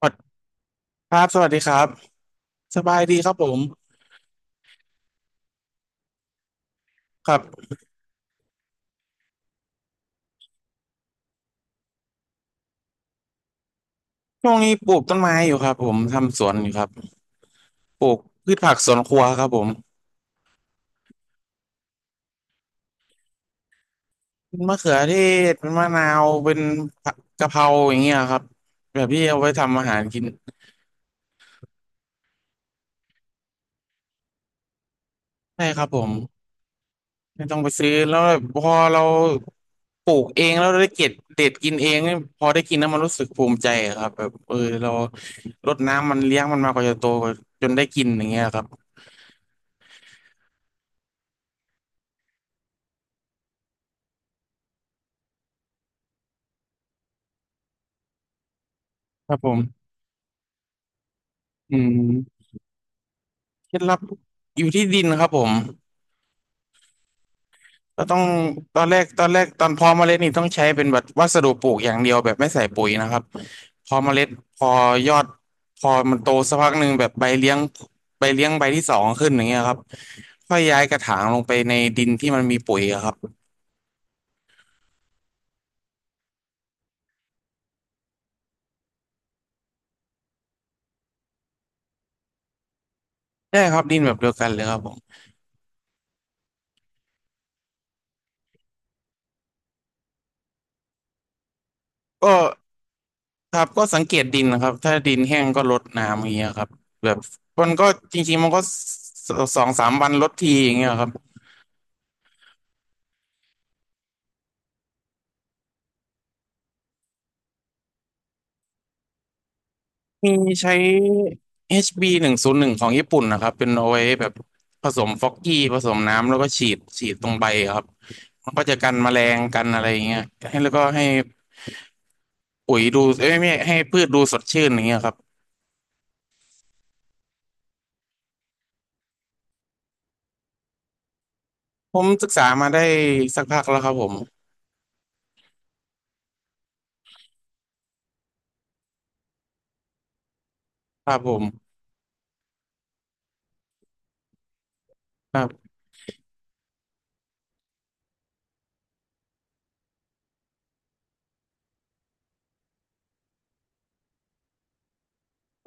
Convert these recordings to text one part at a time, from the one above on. สวัสดีครับสวัสดีครับสบายดีครับผมครับช่วงนี้ปลูกต้นไม้อยู่ครับผม ทำสวนอยู่ครับ ปลูกพืชผักสวนครัวครับผมเป็นมะเขือเทศเป็นมะนาวเป็นผักกะเพราอย่างเงี้ยครับแบบที่เอาไว้ทำอาหารกิน ใช่ครับผม ไม่ต้องไปซื้อแล้วพอเราปลูกเองแล้วได้เก็บเด็ดกินเองนี่พอได้กินแล้วมันรู้สึกภูมิใจอะครับแบบเออเรารดน้ำมันเลี้ยงมันมากว่าจะโตจนได้กินอย่างเงี้ยครับครับผมอืม เคล็ดลับอยู่ที่ดินครับผมก็ต้องตอนแรกตอนเพาะเมล็ดนี่ต้องใช้เป็นแบบวัสดุปลูกอย่างเดียวแบบไม่ใส่ปุ๋ยนะครับพอเมล็ดพอยอดพอมันโตสักพักหนึ่งแบบใบเลี้ยงใบเลี้ยงใบที่ 2ขึ้นอย่างเงี้ยครับค่อยย้ายกระถางลงไปในดินที่มันมีปุ๋ยอะครับใช่ครับดินแบบเดียวกันเลยครับผมก็ครับก็สังเกตดินนะครับถ้าดินแห้งก็รดน้ำอย่างเงี้ยครับแบบมันก็จริงๆมันก็สสองสามวันรดทีอย่างเงี้ยครับ มีใช้ HB 101ของญี่ปุ่นนะครับเป็นเอาไว้แบบผสมฟอกกี้ผสมน้ำแล้วก็ฉีดตรงใบครับมันก็จะกันแมลงกันอะไรอย่างเงี้ยให้แล้วก็ให้ปุ๋ยดูเอ้ยไม่ให้พืชดูสดชื่นอย่างเงี้ยครับผมศึกษามาได้สักพักแล้วครับผมครับผมครับ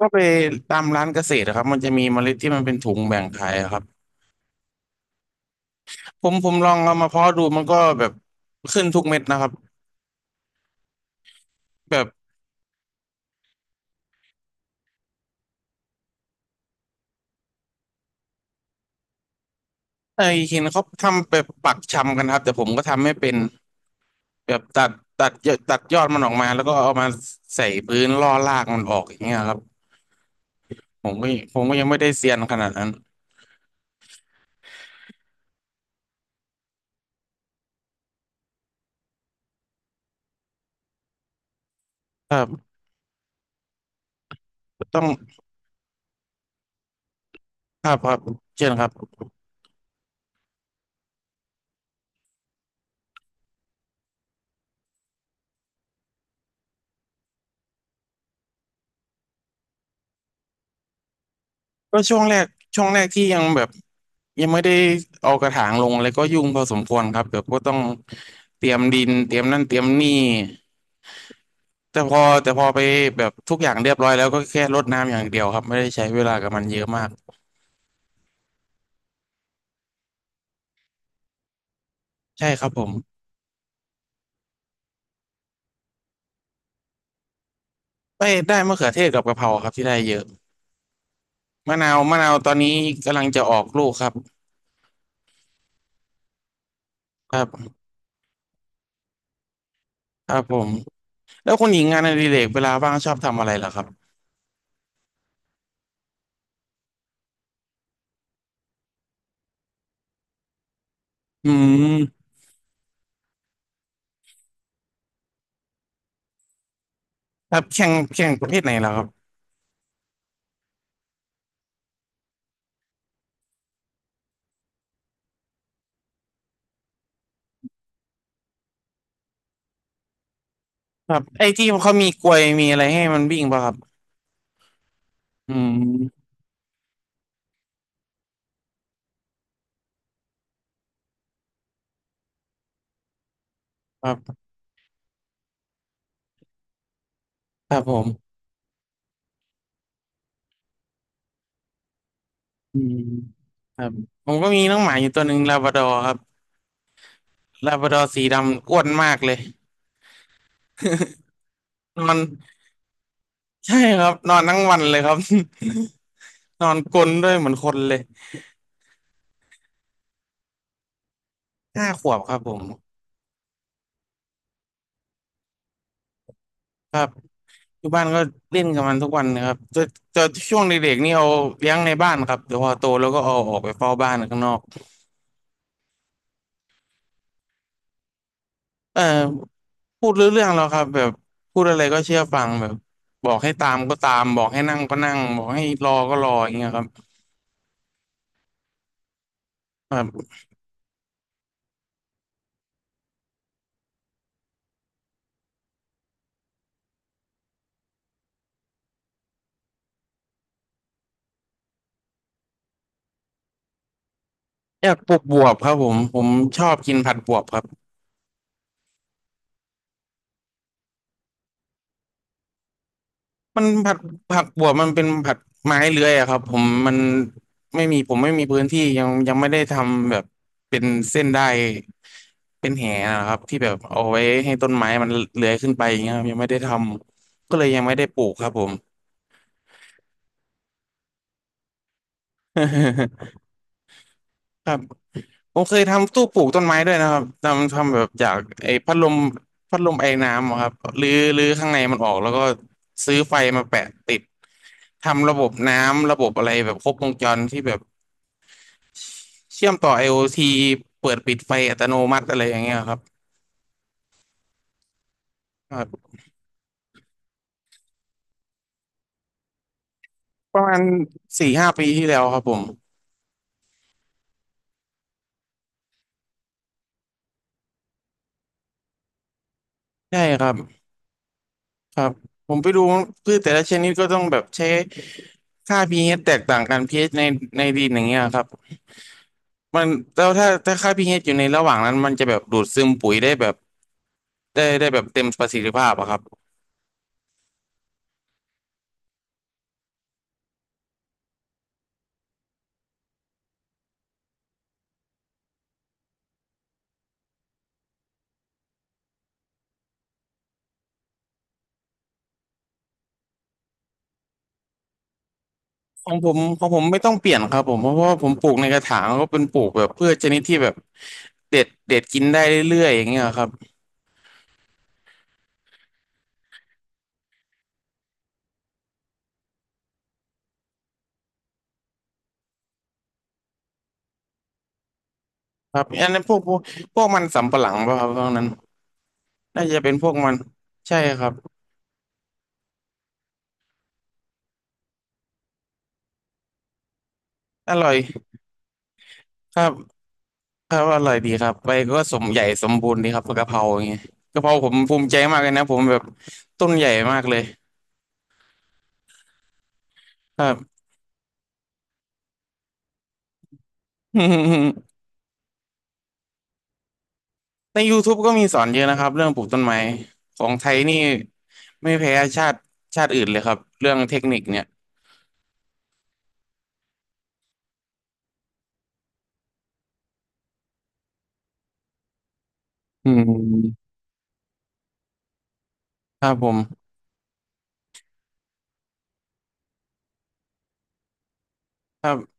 ก็ไปตามร้านเกษตรนะครับมันจะมีเมล็ดที่มันเป็นถุงแบ่งขายอะครับผมลองเอามาเพาะดูมันก็แบบขึ้นทุกเม็ดนะครับแบบไอ้เห็นเขาทำแบบปักชำกันครับแต่ผมก็ทำไม่เป็น แบบตัดเยอะตัดยอดมันออกมาแล้วก็เอามาใส่พื้นล่อรากมันออกอย่างเงี้ยครับผมก็ผมก็ยังไม่ได้เซียนขนาดนั้นครับต้องครับครับเช่นครับก็ช่วงแรกที่ยังแบบยังไม่ได้เอากระถางลงอะไรก็ยุ่งพอสมควรครับแบบก็ต้องเตรียมดินเตรียมนั่นเตรียมนี่แต่พอไปแบบทุกอย่างเรียบร้อยแล้วก็แค่รดน้ำอย่างเดียวครับไม่ได้ใช้เวลากับมันเยอะมากใช่ครับผมไปได้มะเขือเทศกับกะเพราครับที่ได้เยอะ มะนาวตอนนี้กำลังจะออกลูกครับครับครับผมแล้วคุณหญิงงานอดิเรกเวลาว่างชอบทำอะไรเหรอครับอืมครับแข่งประเภทไหนเหรอครับครับไอ้ที่เขามีกลวยมีอะไรให้มันวิ่งป่ะครับอืมครับครับผมอืมครับผมก็มีน้องหมาอยู่ตัวหนึ่งลาบราดอร์ครับลาบราดอร์สีดำอ้วนมากเลยนอนใช่ครับนอนทั้งวันเลยครับ นอนกรนด้วยเหมือนคนเลย5 ขวบครับผม อยู่บ้านก็เล่นกับมันทุกวันนะครับจะช่วงเด็กๆนี่เอาเลี้ยงในบ้านครับแต่พอโตแล้วก็เอาออกไปเฝ้าบ้านข้างนอกเออพูดรู้เรื่องแล้วครับแบบพูดอะไรก็เชื่อฟังแบบบอกให้ตามก็ตามบอกให้นั่งก็นั่งบอกให้รอก็รออย่างเงี้ยครับแบบอยากปลูกบวบครับผมชอบกินผัดบวบครับมันผัดผักบวบมันเป็นผัดไม้เลื้อยอะครับผมมันไม่มีพื้นที่ยังไม่ได้ทำแบบเป็นเส้นได้ เป็นแหนะครับที่แบบเอาไว้ให้ต้นไม้มันเลื้อยขึ้นไปอย่างเงี้ยครับยังไม่ได้ทำก็เลยยังไม่ได้ปลูกครับผม ครับผมเคยทำตู้ปลูกต้นไม้ด้วยนะครับทำแบบจากไอ้พัดลมไอน้ำอะครับรื้อข้างในมันออกแล้วก็ซื้อไฟมาแปะติดทำระบบน้ำระบบอะไรแบบครบวงจรที่แบบเชื่อมต่อ IoT เปิดปิดไฟอัตโนมัติอะไรอย่างเงี้ยครับครับประมาณ4 5 ปีที่แล้วครับผมใช่ครับ ครับผมไปดูพืชแต่ละชนิดก็ต้องแบบใช้ค่า pH แตกต่างกัน pH ในดินอย่างเงี้ยครับมันแล้วถ้าค่า pH อยู่ในระหว่างนั้นมันจะแบบดูดซึมปุ๋ยได้แบบได้ได้แบบเต็มประสิทธิภาพอะครับของผมไม่ต้องเปลี่ยนครับผมเพราะว่าผมปลูกในกระถางก็เป็นปลูกแบบพืชชนิดที่แบบเด็ดกินได้เรื่อยๆอย่างเงี้ยครับครับอันนั้นพวกมันสำปะหลังป่ะครับตรงนั้นน่าจะเป็นพวกมันใช่ครับอร่อยครับ ครับอร่อยดีครับไปก็สมใหญ่สมบูรณ์ดีครับกะเพราอย่างเงี้ยกะเพราผมภูมิใจมากเลยนะผมแบบต้นใหญ่มากเลยครับ ใน YouTube ก็มีสอนเยอะนะครับเรื่องปลูกต้นไม้ของไทยนี่ไม่แพ้ชาติชาติอื่นเลยครับเรื่องเทคนิคเนี่ยอืมครับผมครับ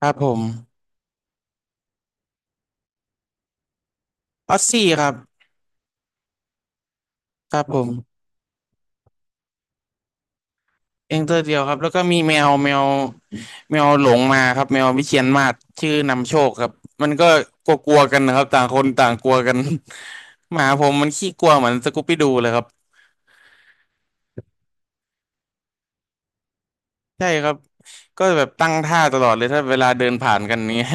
ครับผมออสซี่ครับครับผม เองตัวเดียวครับแล้วก็มีแมวหลงมาครับแมววิเชียรมาศชื่อนำโชคครับมันก็กลัวๆกันนะครับต่างคนต่างกลัวกัน หมาผมมันขี้กลัวเหมือนสกูปปี้ดูเลยครับใช่ครับก็แบบตั้งท่าตลอดเลยถ้าเวลาเดินผ่านกันเนี้ย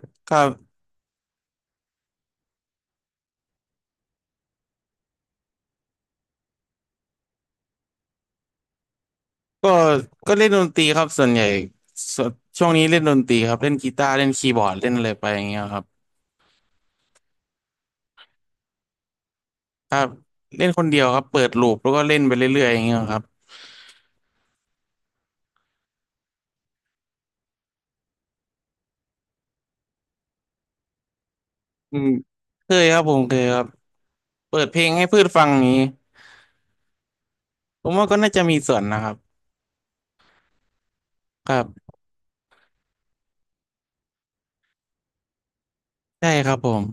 ครับก็ก็เล่นดนตรีครับส่วนใหญ่สช่วงนี้เล่นดนตรีครับเล่นกีตาร์เล่นคีย์บอร์ดเล่นอะไรไปอย่างเงี้ยครับครับเล่นคนเดียวครับเปิดลูปแล้วก็เล่นไปเรื่อยๆอย่างเงี้ยครับอืมเคยครับผมเคยครับ เปิดเพลงให้พืชฟังนี้ ผมว่าก็น่าจะมีส่วนนะครับครับได้ครับผม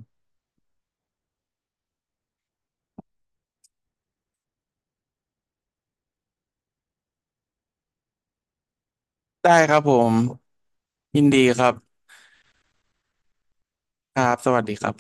ได้ครับผม ยินดีครับครับสวัสดีครับ